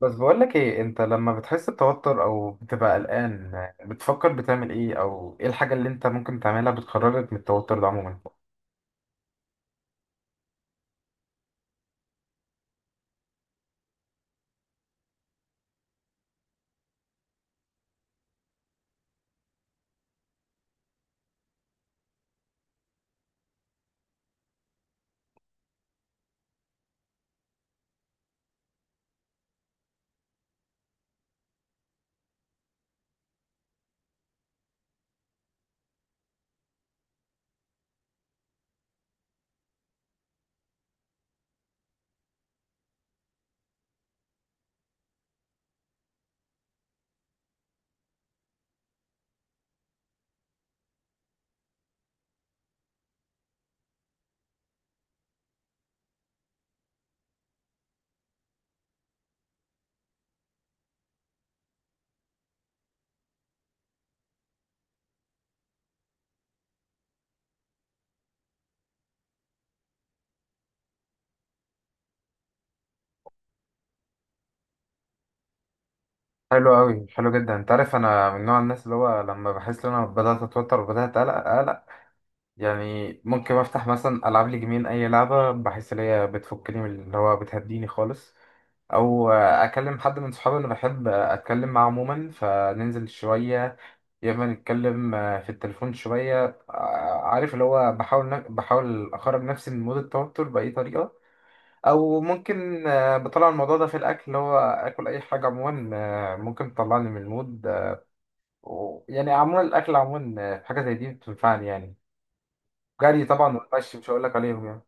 بس بقولك ايه، انت لما بتحس بتوتر او بتبقى قلقان بتفكر بتعمل ايه او ايه الحاجة اللي انت ممكن تعملها بتخرجك من التوتر ده عموما؟ حلو قوي، حلو جدا. انت عارف انا من نوع الناس اللي هو لما بحس ان انا بدأت اتوتر وبدأت اقلق، يعني ممكن افتح مثلا العب لي جيمين اي لعبة بحس ان هي بتفكني، من اللي هو بتهديني خالص، او اكلم حد من صحابي اللي بحب اتكلم معاه عموما، فننزل شوية يا اما نتكلم في التليفون شويه. عارف اللي هو بحاول بحاول اخرج نفسي من مود التوتر باي طريقه، او ممكن بطلع الموضوع ده في الاكل، اللي هو اكل اي حاجه عموما ممكن تطلعني من المود. يعني عموما الاكل عموما حاجه زي دي بتنفعني يعني. جري طبعا والمشي مش هقول لك عليهم يعني.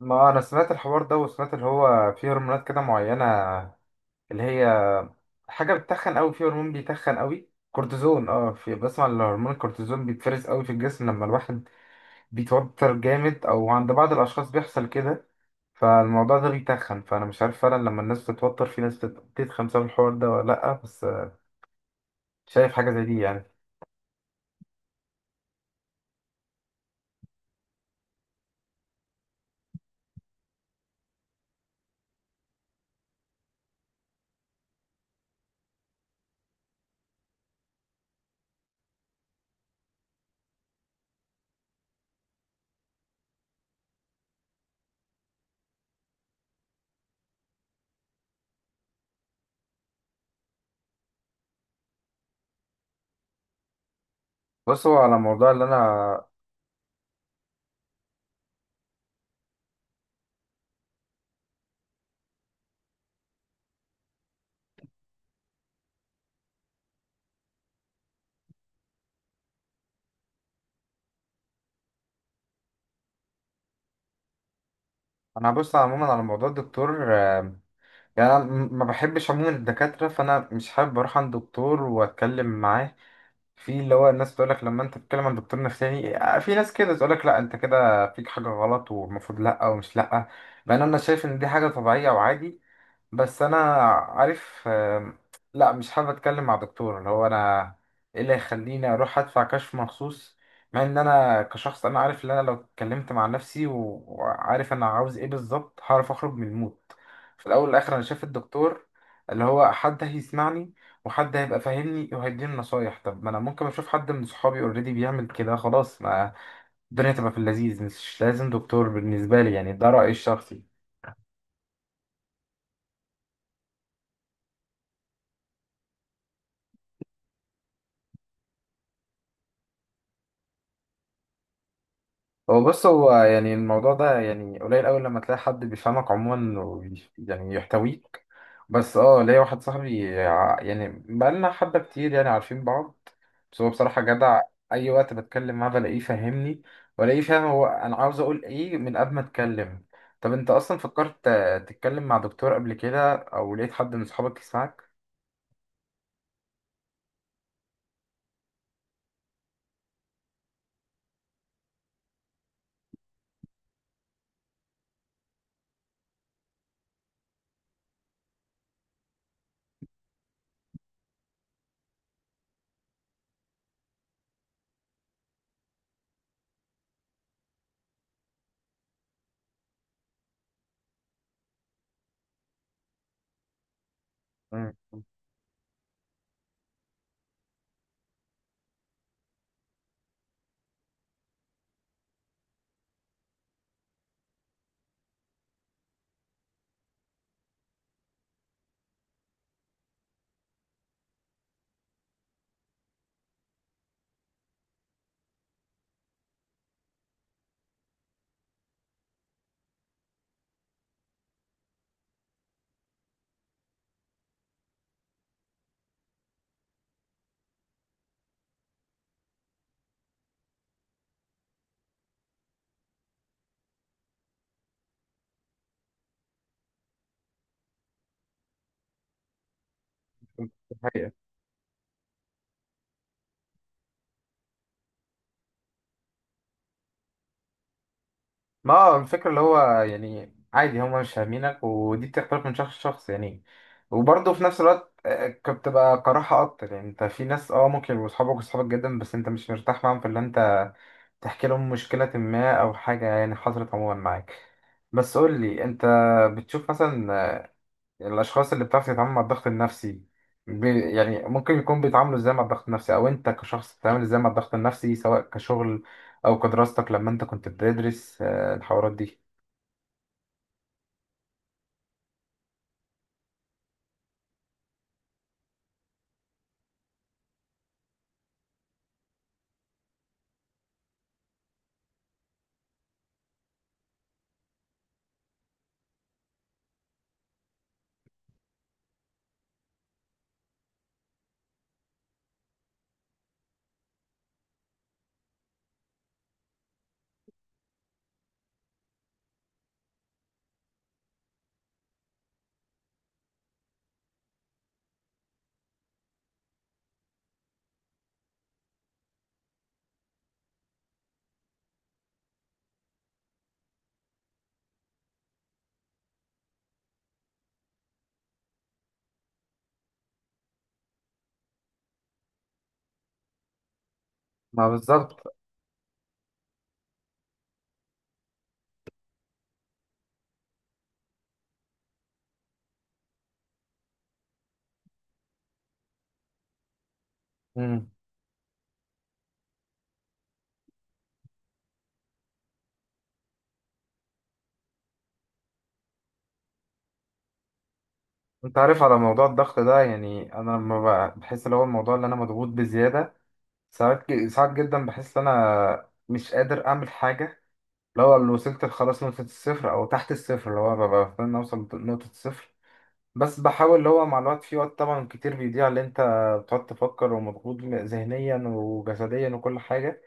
ما انا سمعت الحوار ده، وسمعت اللي هو في هرمونات كده معينه اللي هي حاجه بتتخن قوي، في هرمون بيتخن قوي، كورتيزون. اه في بسمع ان هرمون الكورتيزون بيتفرز قوي في الجسم لما الواحد بيتوتر جامد، او عند بعض الاشخاص بيحصل كده، فالموضوع ده بيتخن. فانا مش عارف فعلا لما الناس بتتوتر في ناس بتتخن بسبب الحوار ده ولا لا، بس شايف حاجه زي دي يعني. بص، هو على الموضوع اللي انا، انا هبص عموما على موضوع الدكتور. يعني انا ما بحبش عموما الدكاتره، فانا مش حابب اروح عند دكتور واتكلم معاه. في اللي هو الناس تقول لك لما انت بتتكلم عن دكتور نفساني في ناس كده تقول لك لا انت كده فيك حاجه غلط والمفروض لا، ومش لا، بان انا شايف ان دي حاجه طبيعيه وعادي. بس انا عارف، لا، مش حابب اتكلم مع دكتور. اللي هو انا ايه اللي يخليني اروح ادفع كشف مخصوص؟ مع ان انا كشخص انا عارف ان انا لو اتكلمت مع نفسي وعارف انا عاوز ايه بالظبط هعرف اخرج من المود. في الاول والاخر انا شايف الدكتور اللي هو حد هيسمعني، وحد هيبقى فاهمني وهيديني نصايح. طب ما انا ممكن اشوف حد من صحابي اوريدي بيعمل كده خلاص، ما الدنيا تبقى في اللذيذ. مش لازم دكتور بالنسبة لي يعني، ده رأيي الشخصي. هو بص، هو يعني الموضوع ده يعني قليل أوي لما تلاقي حد بيفهمك عموما يعني يحتويك، بس ليا واحد صاحبي، يعني بقالنا حبة كتير يعني عارفين بعض، بس هو بصراحة جدع. أي وقت بتكلم معاه بلاقيه فاهمني، ولاقيه فاهم هو أنا عاوز أقول إيه من قبل ما أتكلم. طب أنت أصلا فكرت تتكلم مع دكتور قبل كده، أو لقيت حد من صحابك يسمعك؟ مم. دي حقيقة. ما هو الفكرة اللي هو يعني عادي هما مش فاهمينك، ودي بتختلف من شخص لشخص يعني. وبرضه في نفس الوقت كنت بقى كراهة أكتر. يعني أنت في ناس ممكن يبقوا صحابك وصحابك جدا، بس أنت مش مرتاح معاهم في اللي أنت تحكي لهم مشكلة ما أو حاجة يعني حصلت عموما معاك. بس قول لي أنت، بتشوف مثلا الأشخاص اللي بتعرف تتعامل مع الضغط النفسي يعني ممكن يكون بيتعاملوا إزاي مع الضغط النفسي، أو أنت كشخص بتتعامل إزاي مع الضغط النفسي سواء كشغل أو كدراستك لما أنت كنت بتدرس الحوارات دي؟ ما بالظبط. مم. انت عارف على موضوع الضغط ده، يعني انا لما بحس اللي هو الموضوع اللي انا مضغوط بزياده، ساعات جدا بحس ان انا مش قادر اعمل حاجه. لو اللي وصلت خلاص نقطه الصفر او تحت الصفر، اللي هو ببقى بستنى اوصل لنقطه الصفر، بس بحاول اللي هو مع الوقت، في وقت طبعا كتير بيضيع اللي انت بتقعد تفكر ومضغوط ذهنيا وجسديا وكل حاجه،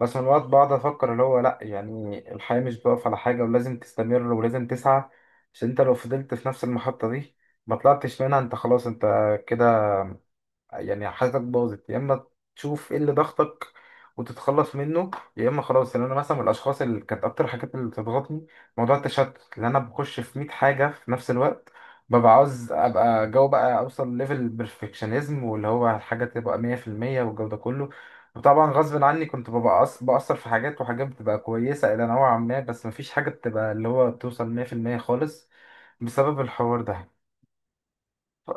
بس من الوقت بقعد افكر اللي هو لا، يعني الحياة مش بتقف على حاجة، ولازم تستمر ولازم تسعى، عشان انت لو فضلت في نفس المحطة دي ما طلعتش منها انت خلاص انت كده، يعني حياتك باظت. يا اما تشوف ايه اللي ضغطك وتتخلص منه، يا اما خلاص. يعني انا مثلا من الاشخاص اللي كانت اكتر حاجات اللي بتضغطني موضوع التشتت، لان انا بخش في 100 حاجه في نفس الوقت، ببقى عاوز ابقى جو بقى اوصل ليفل بيرفكشنزم، واللي هو الحاجه تبقى 100% والجو ده كله. وطبعا غصب عني كنت ببقى بأثر في حاجات، وحاجات بتبقى كويسة إلى نوعا ما، بس مفيش حاجة بتبقى اللي هو بتوصل 100% خالص بسبب الحوار ده. ف-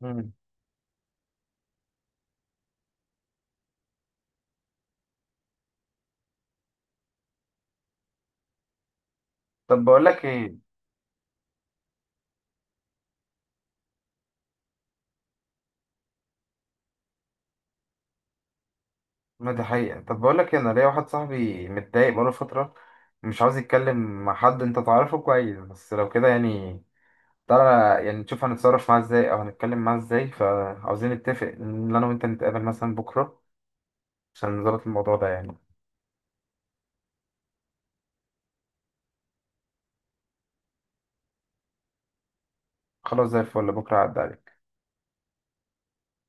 مم. طب بقول لك ايه، ما دي حقيقة. طب بقول لك إيه، انا ليا واحد صاحبي متضايق بقاله فترة، مش عاوز يتكلم مع حد. انت تعرفه كويس، بس لو كده يعني تعالى يعني نشوف هنتصرف معاه ازاي او هنتكلم معاه ازاي. فعاوزين نتفق ان انا وانت نتقابل مثلا بكرة عشان نظبط الموضوع ده يعني. خلاص زي الفل، بكرة عدى عليك.